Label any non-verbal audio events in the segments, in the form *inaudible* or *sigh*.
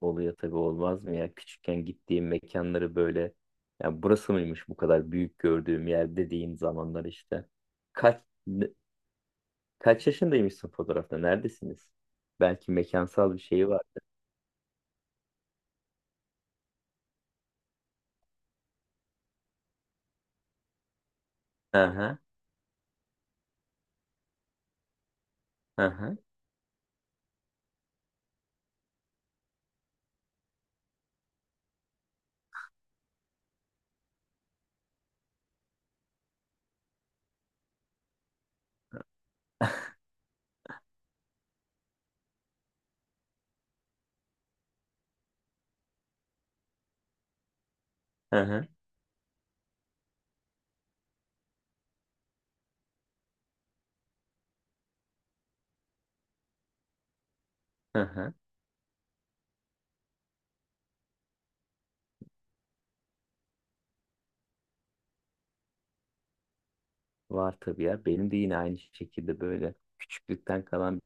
Oluyor tabii olmaz mı ya? Küçükken gittiğim mekanları böyle ya burası mıymış bu kadar büyük gördüğüm yer dediğim zamanlar işte. Kaç ne- Kaç yaşındaymışsın fotoğrafta? Neredesiniz? Belki mekansal bir şeyi var. Hı hı. Hı hı. *laughs* Hı hı. Hı hı. Var tabii ya. Benim de yine aynı şekilde böyle küçüklükten kalan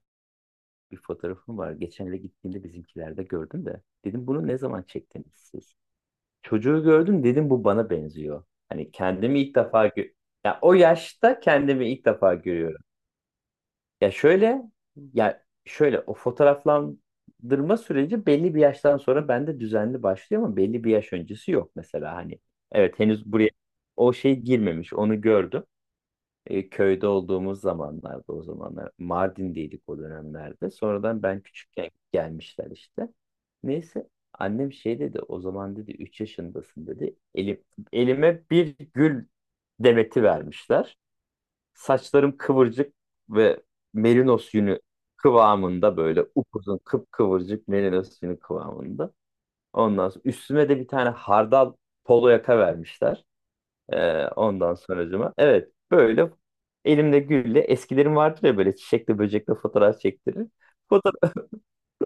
bir fotoğrafım var. Geçen de gittiğimde bizimkilerde gördüm de. Dedim bunu ne zaman çektiniz siz? Çocuğu gördüm dedim bu bana benziyor. Hani kendimi ilk defa gö- Ya o yaşta kendimi ilk defa görüyorum. Ya şöyle ya şöyle o fotoğraflandırma süreci belli bir yaştan sonra bende düzenli başlıyor ama belli bir yaş öncesi yok mesela hani. Evet henüz buraya o şey girmemiş onu gördüm. Köyde olduğumuz zamanlarda o zamanlar Mardin'deydik o dönemlerde. Sonradan ben küçükken gelmişler işte. Neyse annem şey dedi o zaman dedi 3 yaşındasın dedi. Elime bir gül demeti vermişler. Saçlarım kıvırcık ve merinos yünü kıvamında böyle upuzun kıpkıvırcık merinos yünü kıvamında. Ondan sonra üstüme de bir tane hardal polo yaka vermişler. Ondan sonracıma. Evet böyle elimde gülle eskilerim vardır ya böyle çiçekle böcekle fotoğraf çektirir. Fotoğraf,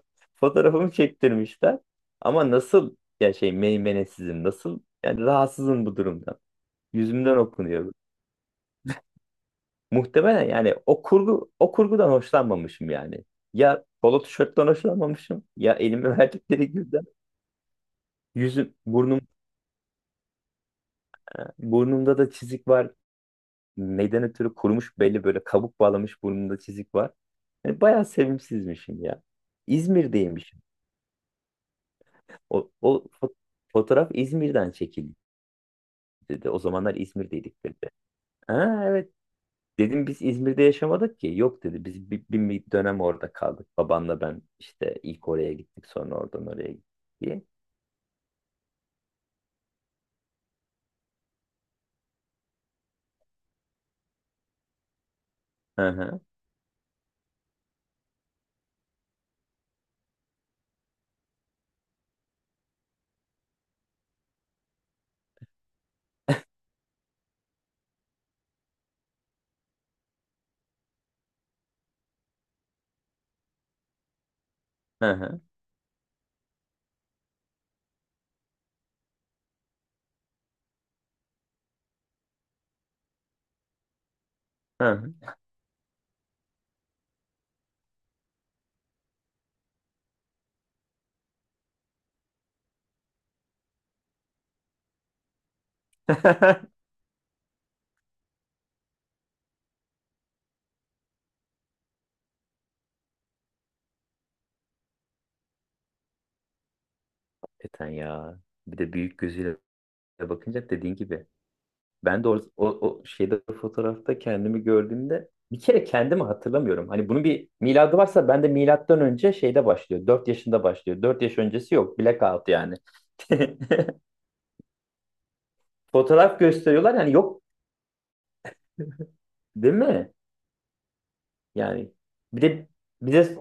*laughs* fotoğrafımı çektirmişler. Ama nasıl ya şey meymenesizim nasıl yani rahatsızım bu durumdan. Yüzümden okunuyor. Muhtemelen yani o kurgudan hoşlanmamışım yani. Ya polo tişörtten hoşlanmamışım ya elime *laughs* verdikleri gülden yüzüm burnumda da çizik var neyden ötürü kurumuş belli böyle kabuk bağlamış burnunda çizik var. Yani bayağı sevimsizmişim ya. İzmir'deymişim. O, o fo- Fotoğraf İzmir'den çekildi dedi. O zamanlar İzmir'deydik dedi. Ha, evet dedim biz İzmir'de yaşamadık ki. Yok dedi biz bir dönem orada kaldık. Babanla ben işte ilk oraya gittik sonra oradan oraya gittik diye. Hı hı hı hı. Hı hı. *laughs* Eten ya. Bir de büyük gözüyle bakınca dediğin gibi ben de o, o, o şeyde fotoğrafta kendimi gördüğümde bir kere kendimi hatırlamıyorum. Hani bunun bir miladı varsa ben de milattan önce şeyde başlıyor. 4 yaşında başlıyor. 4 yaş öncesi yok. Blackout yani. *laughs* Fotoğraf gösteriyorlar yani yok değil mi? Yani bir de bize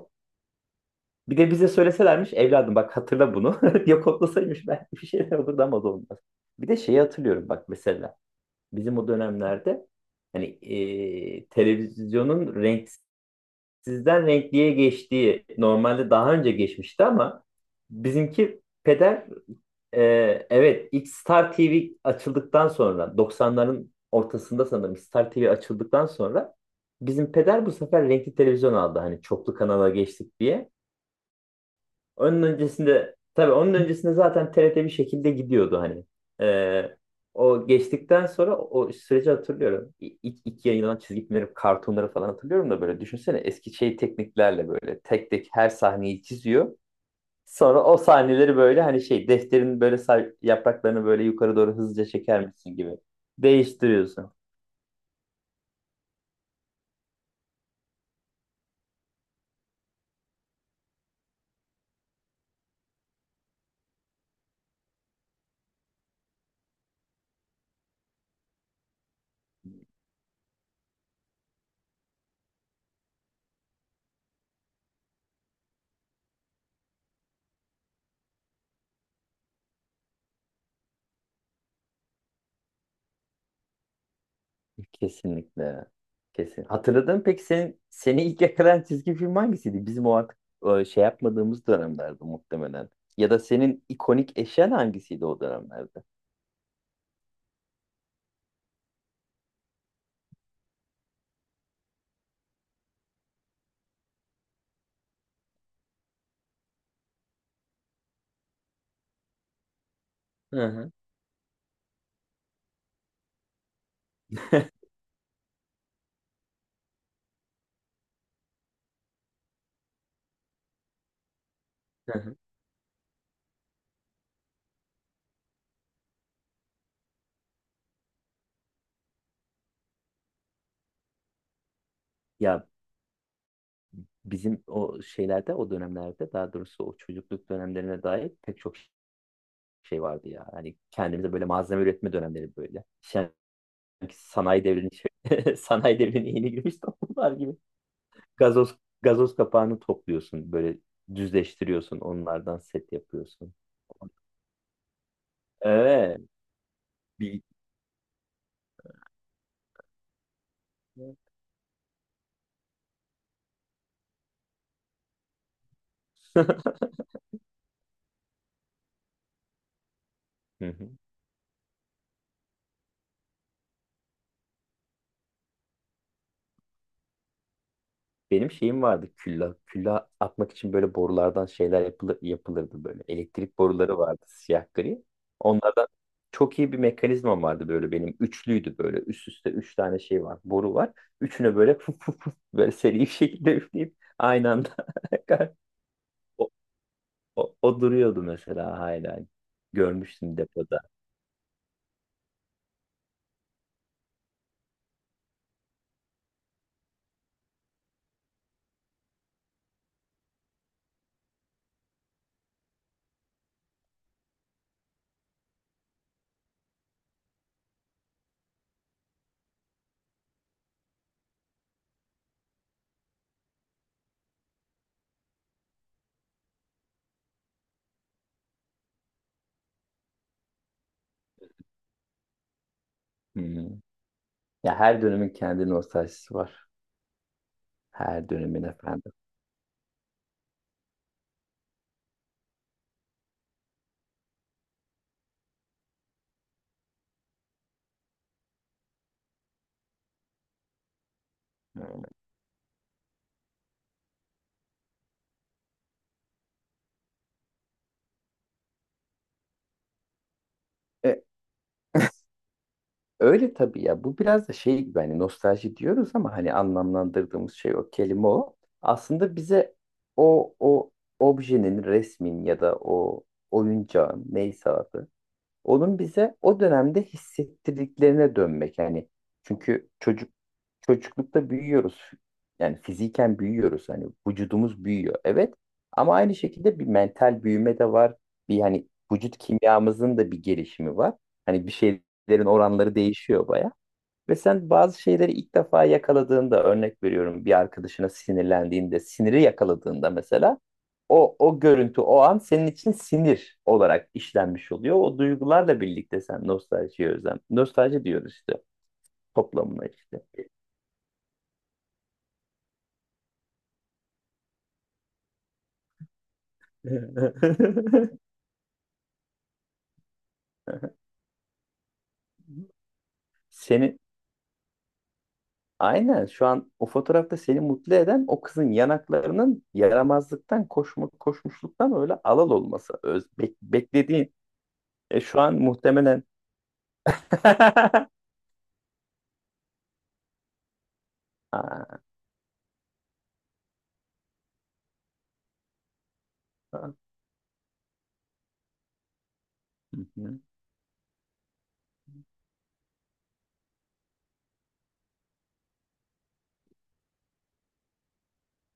bir de bize söyleselermiş evladım bak hatırla bunu. *laughs* Ya kodlasaymış belki *laughs* bir şeyler olurdu ama o da olmaz. Bir de şeyi hatırlıyorum bak mesela bizim o dönemlerde hani televizyonun renk sizden renkliye geçtiği normalde daha önce geçmişti ama bizimki peder e, evet ilk Star TV açıldıktan sonra 90ların ortasında sanırım Star TV açıldıktan sonra bizim peder bu sefer renkli televizyon aldı hani çoklu kanala geçtik diye. Onun öncesinde tabii onun öncesinde zaten TRT bir şekilde gidiyordu hani. Ee, O geçtikten sonra o süreci hatırlıyorum. İlk yayınlanan çizgi filmleri, kartonları falan hatırlıyorum da böyle düşünsene eski şey tekniklerle böyle tek tek her sahneyi çiziyor. Sonra o sahneleri böyle hani şey defterin böyle yapraklarını böyle yukarı doğru hızlıca çeker misin gibi değiştiriyorsun. Kesinlikle. Kesin. Hatırladın mı peki seni ilk yakalayan çizgi film hangisiydi? Bizim o artık şey yapmadığımız dönemlerde muhtemelen. Ya da senin ikonik eşyan hangisiydi o dönemlerde? Hı hı. *laughs* Hı hı. Ya bizim o şeylerde o dönemlerde daha doğrusu o çocukluk dönemlerine dair pek çok şey vardı ya. Hani kendimize böyle malzeme üretme dönemleri böyle. Sanki *laughs* sanayi devrinin yeni girmiş toplumlar gibi. Gazoz kapağını topluyorsun böyle düzleştiriyorsun onlardan set yapıyorsun. Evet. Bir... *laughs* Hı hı. Benim şeyim vardı külla. Külla atmak için böyle borulardan şeyler yapılırdı böyle. Elektrik boruları vardı siyah gri. Onlardan çok iyi bir mekanizmam vardı böyle benim. Üçlüydü böyle. Üst üste üç tane şey var. Boru var. Üçüne böyle *laughs* fuf fuf fuf böyle seri bir şekilde üfleyip aynı anda. *laughs* o- O, o duruyordu mesela hala. Görmüştüm depoda. Hı hı. Ya her dönemin kendi nostaljisi var. Her dönemin efendim. Hı. E, Öyle tabii ya. Bu biraz da şey gibi hani nostalji diyoruz ama hani anlamlandırdığımız şey o kelime o. Aslında bize o objenin, resmin ya da o oyuncağın neyse adı onun bize o dönemde hissettirdiklerine dönmek. Yani çünkü çocuklukta büyüyoruz. Yani fiziken büyüyoruz. Hani vücudumuz büyüyor. Evet. Ama aynı şekilde bir mental büyüme de var. Bir hani vücut kimyamızın da bir gelişimi var. Hani bir şeylerin oranları değişiyor baya. Ve sen bazı şeyleri ilk defa yakaladığında örnek veriyorum bir arkadaşına sinirlendiğinde, siniri yakaladığında mesela o görüntü o an senin için sinir olarak işlenmiş oluyor. O duygularla birlikte sen nostaljiye özlem. Nostalji diyoruz işte toplamına işte. *laughs* Seni aynen şu an o fotoğrafta seni mutlu eden o kızın yanaklarının yaramazlıktan koşmuşluktan öyle alal olması. Beklediğin şu an muhtemelen *laughs* Aa, hı hı.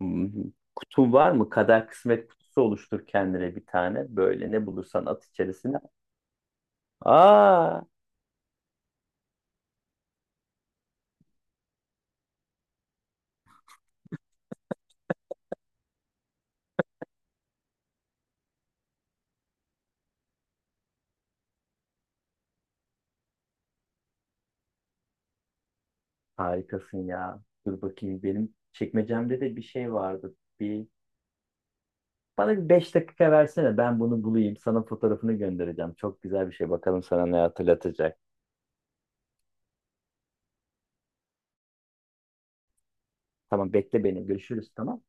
Hı hı. Kutun var mı? Kader kısmet kutusu oluştur kendine bir tane. Böyle ne bulursan at içerisine. Aa, harikasın ya. Dur bakayım benim çekmecemde de bir şey vardı. Bir Bana bir 5 dakika versene. Ben bunu bulayım. Sana fotoğrafını göndereceğim. Çok güzel bir şey. Bakalım sana ne hatırlatacak. Tamam bekle beni. Görüşürüz tamam.